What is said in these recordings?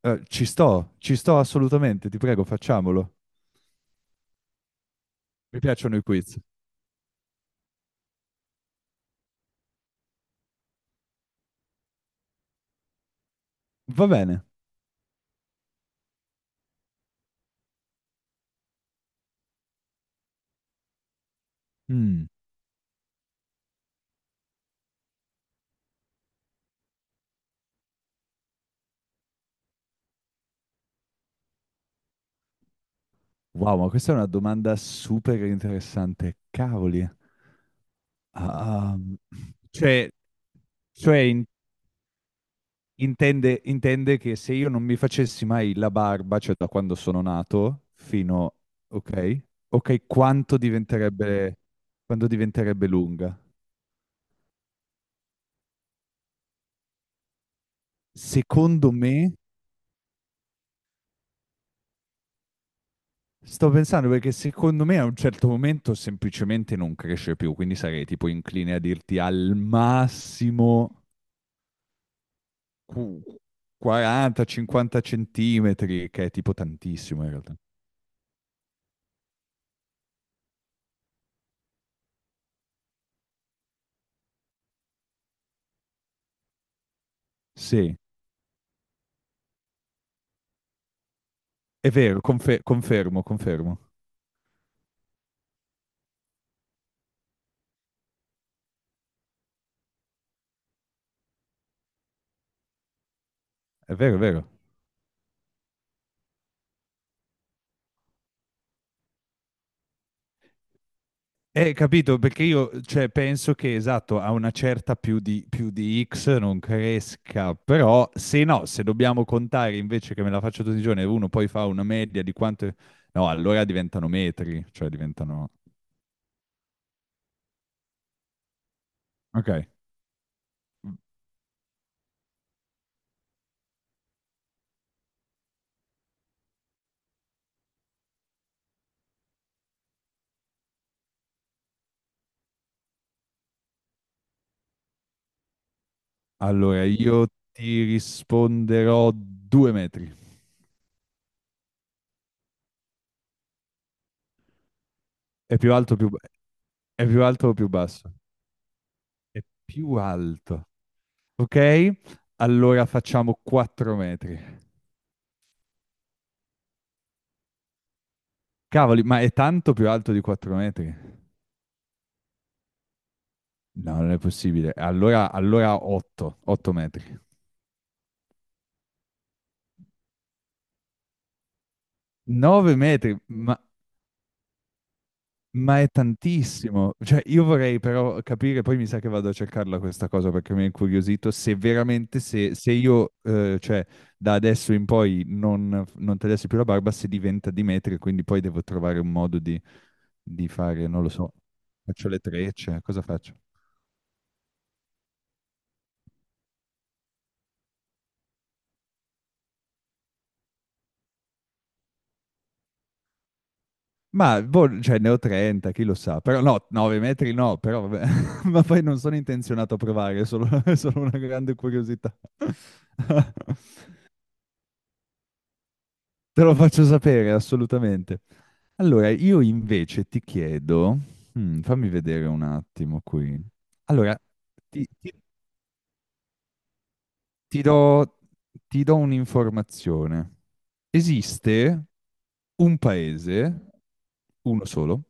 Ci sto, ci sto assolutamente, ti prego, facciamolo. Mi piacciono i quiz. Va bene. Mm, Wow, ma questa è una domanda super interessante. Cavoli. Ah, cioè, cioè in- intende, intende che se io non mi facessi mai la barba, cioè da quando sono nato, fino... Ok, ok, quando diventerebbe lunga? Secondo me... Sto pensando perché secondo me a un certo momento semplicemente non cresce più, quindi sarei tipo incline a dirti al massimo qu- 40-50 centimetri, che è tipo tantissimo in realtà. Sì, è vero, confermo, confermo. È vero, è vero. Capito, perché io, cioè, penso che esatto, a una certa più di X non cresca, però se no, se dobbiamo contare invece che me la faccio tutti i giorni e uno poi fa una media di quanto... No, allora diventano metri, cioè diventano... Ok, allora io ti risponderò due metri. È più alto o più... ba- È più alto o più basso? È più alto. Ok, allora facciamo quattro metri. Cavoli, ma è tanto più alto di quattro metri? No, non è possibile. Allora, 8 metri. 9 metri, ma è tantissimo. Cioè, io vorrei però capire, poi mi sa che vado a cercarla questa cosa perché mi ha incuriosito, se veramente, se io, da adesso in poi non tagliassi più la barba, se diventa di metri, quindi poi devo trovare un modo di fare, non lo so, faccio le trecce, cosa faccio? Ma, boh, cioè, ne ho 30, chi lo sa. Però no, 9 metri no, però vabbè. Ma poi non sono intenzionato a provare, è solo, è solo una grande curiosità. Te lo faccio sapere, assolutamente. Allora, io invece ti chiedo, mm, fammi vedere un attimo qui. Allora, ti, ti- ti do, ti do un'informazione. Esiste un paese, uno solo,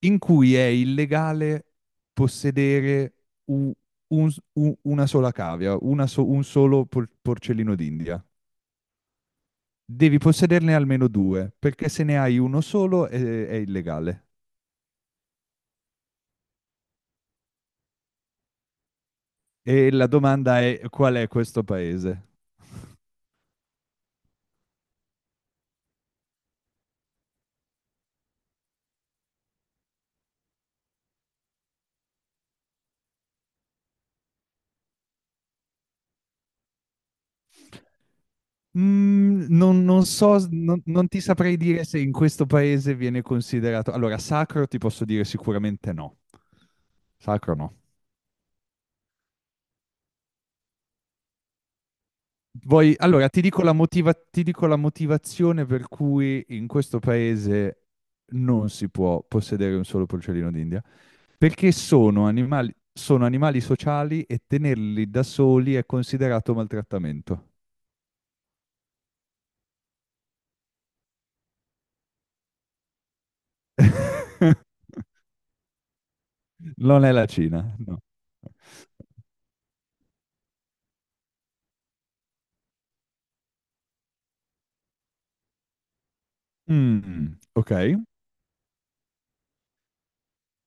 in cui è illegale possedere u- una sola cavia, un solo porcellino d'India. Devi possederne almeno due, perché se ne hai uno solo è illegale. E la domanda è: qual è questo paese? Non so, non ti saprei dire se in questo paese viene considerato... Allora, sacro ti posso dire sicuramente no. Sacro no. Allora, ti dico la motivazione per cui in questo paese non si può possedere un solo porcellino d'India, perché sono animali sociali e tenerli da soli è considerato maltrattamento. Non è la Cina, no. Mm, ok.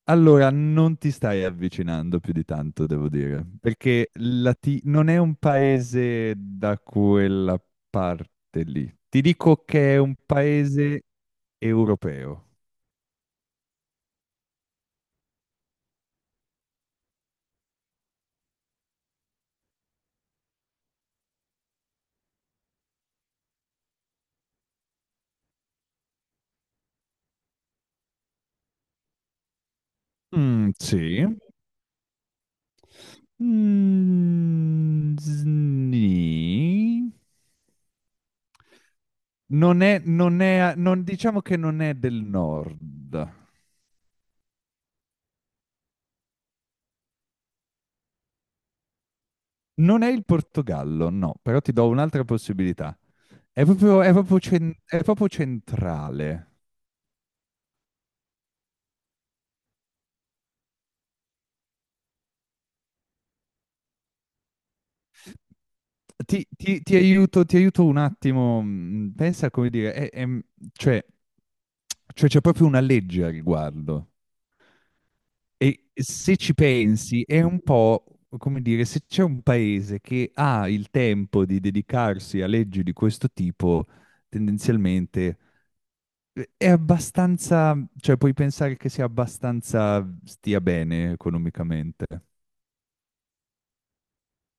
Allora, non ti stai avvicinando più di tanto, devo dire, perché non è un paese da quella parte lì. Ti dico che è un paese europeo. Mm, sì. Mm, sni. Non è, non è, non- diciamo che non è del nord. Non è il Portogallo, no, però ti do un'altra possibilità. È proprio, è proprio centrale. Ti aiuto un attimo, pensa, come dire, cioè, cioè c'è proprio una legge a riguardo, e se ci pensi è un po', come dire, se c'è un paese che ha il tempo di dedicarsi a leggi di questo tipo, tendenzialmente è abbastanza, cioè puoi pensare che sia abbastanza, stia bene economicamente.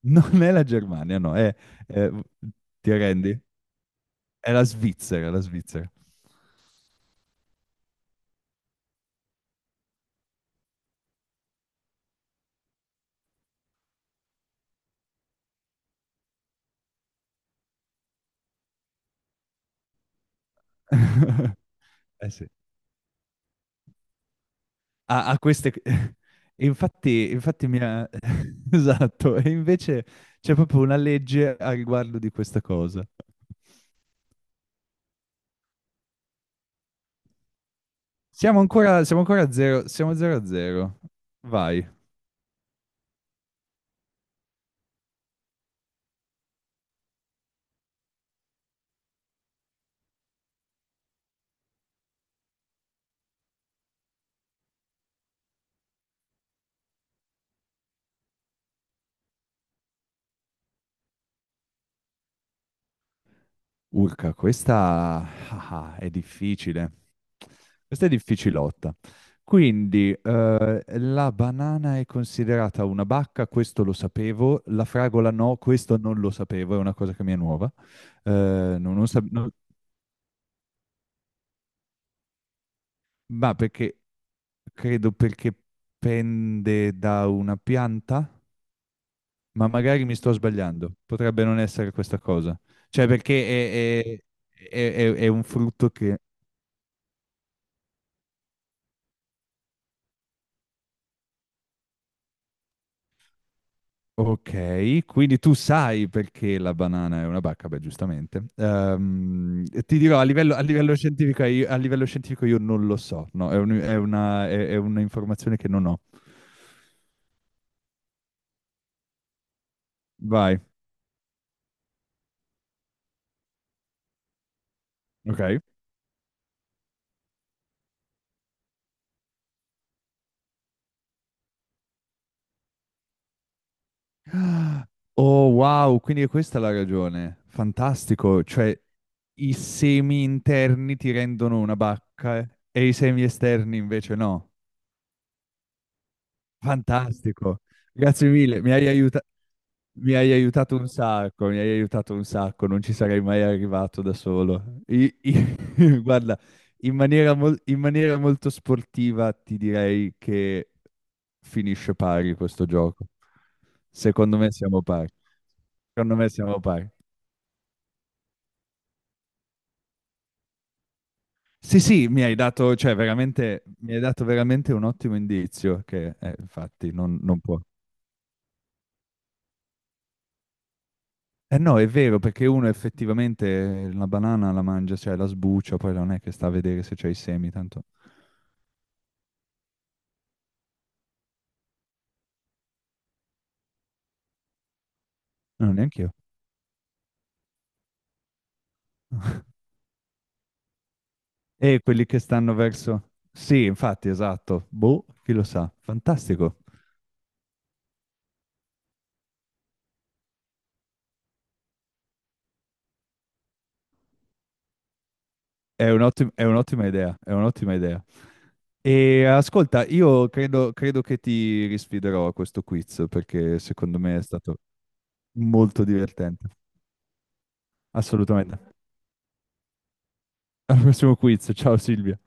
Non è la Germania, no, è- ti arrendi? È la Svizzera, è la Svizzera. Eh sì. Ha ha queste e infatti mi ha esatto, e invece c'è proprio una legge a riguardo di questa cosa. Siamo ancora a 0, siamo 0 a 0. Vai. Urca, questa ah, ah, è difficile. Questa è difficilotta. Quindi, la banana è considerata una bacca, questo lo sapevo. La fragola no, questo non lo sapevo, è una cosa che mi è nuova. Eh, non, non sa- non- ma perché credo perché pende da una pianta, ma magari mi sto sbagliando. Potrebbe non essere questa cosa. Cioè, perché è, è un frutto che... Okay, quindi tu sai perché la banana è una bacca, beh giustamente. Ti dirò a livello, a livello scientifico i a livello scientifico io non lo so, no, è un è una è un'informazione che non ho. Vai, okay. Ah, oh wow, quindi è questa la ragione. Fantastico, cioè i semi interni ti rendono una bacca, e i semi esterni invece no. Fantastico, grazie mille, mi hai aiuta mi hai aiutato un sacco, mi hai aiutato un sacco, non ci sarei mai arrivato da solo. Guarda, in maniera molto sportiva ti direi che finisce pari questo gioco. Secondo me siamo pari. Secondo me siamo pari. Sì, sì, mi hai dato, cioè, veramente, mi hai dato veramente un ottimo indizio che, infatti, non può. Eh no, è vero, perché uno effettivamente la banana la mangia, cioè la sbuccia, poi non è che sta a vedere se c'è i semi, tanto non neanche io. E quelli che stanno verso... Sì, infatti, esatto. Boh, chi lo sa. Fantastico. È un'ottima idea, è un'ottima idea. E ascolta, io credo, credo che ti risfiderò a questo quiz, perché secondo me è stato molto divertente. Assolutamente. Al prossimo quiz. Ciao Silvia.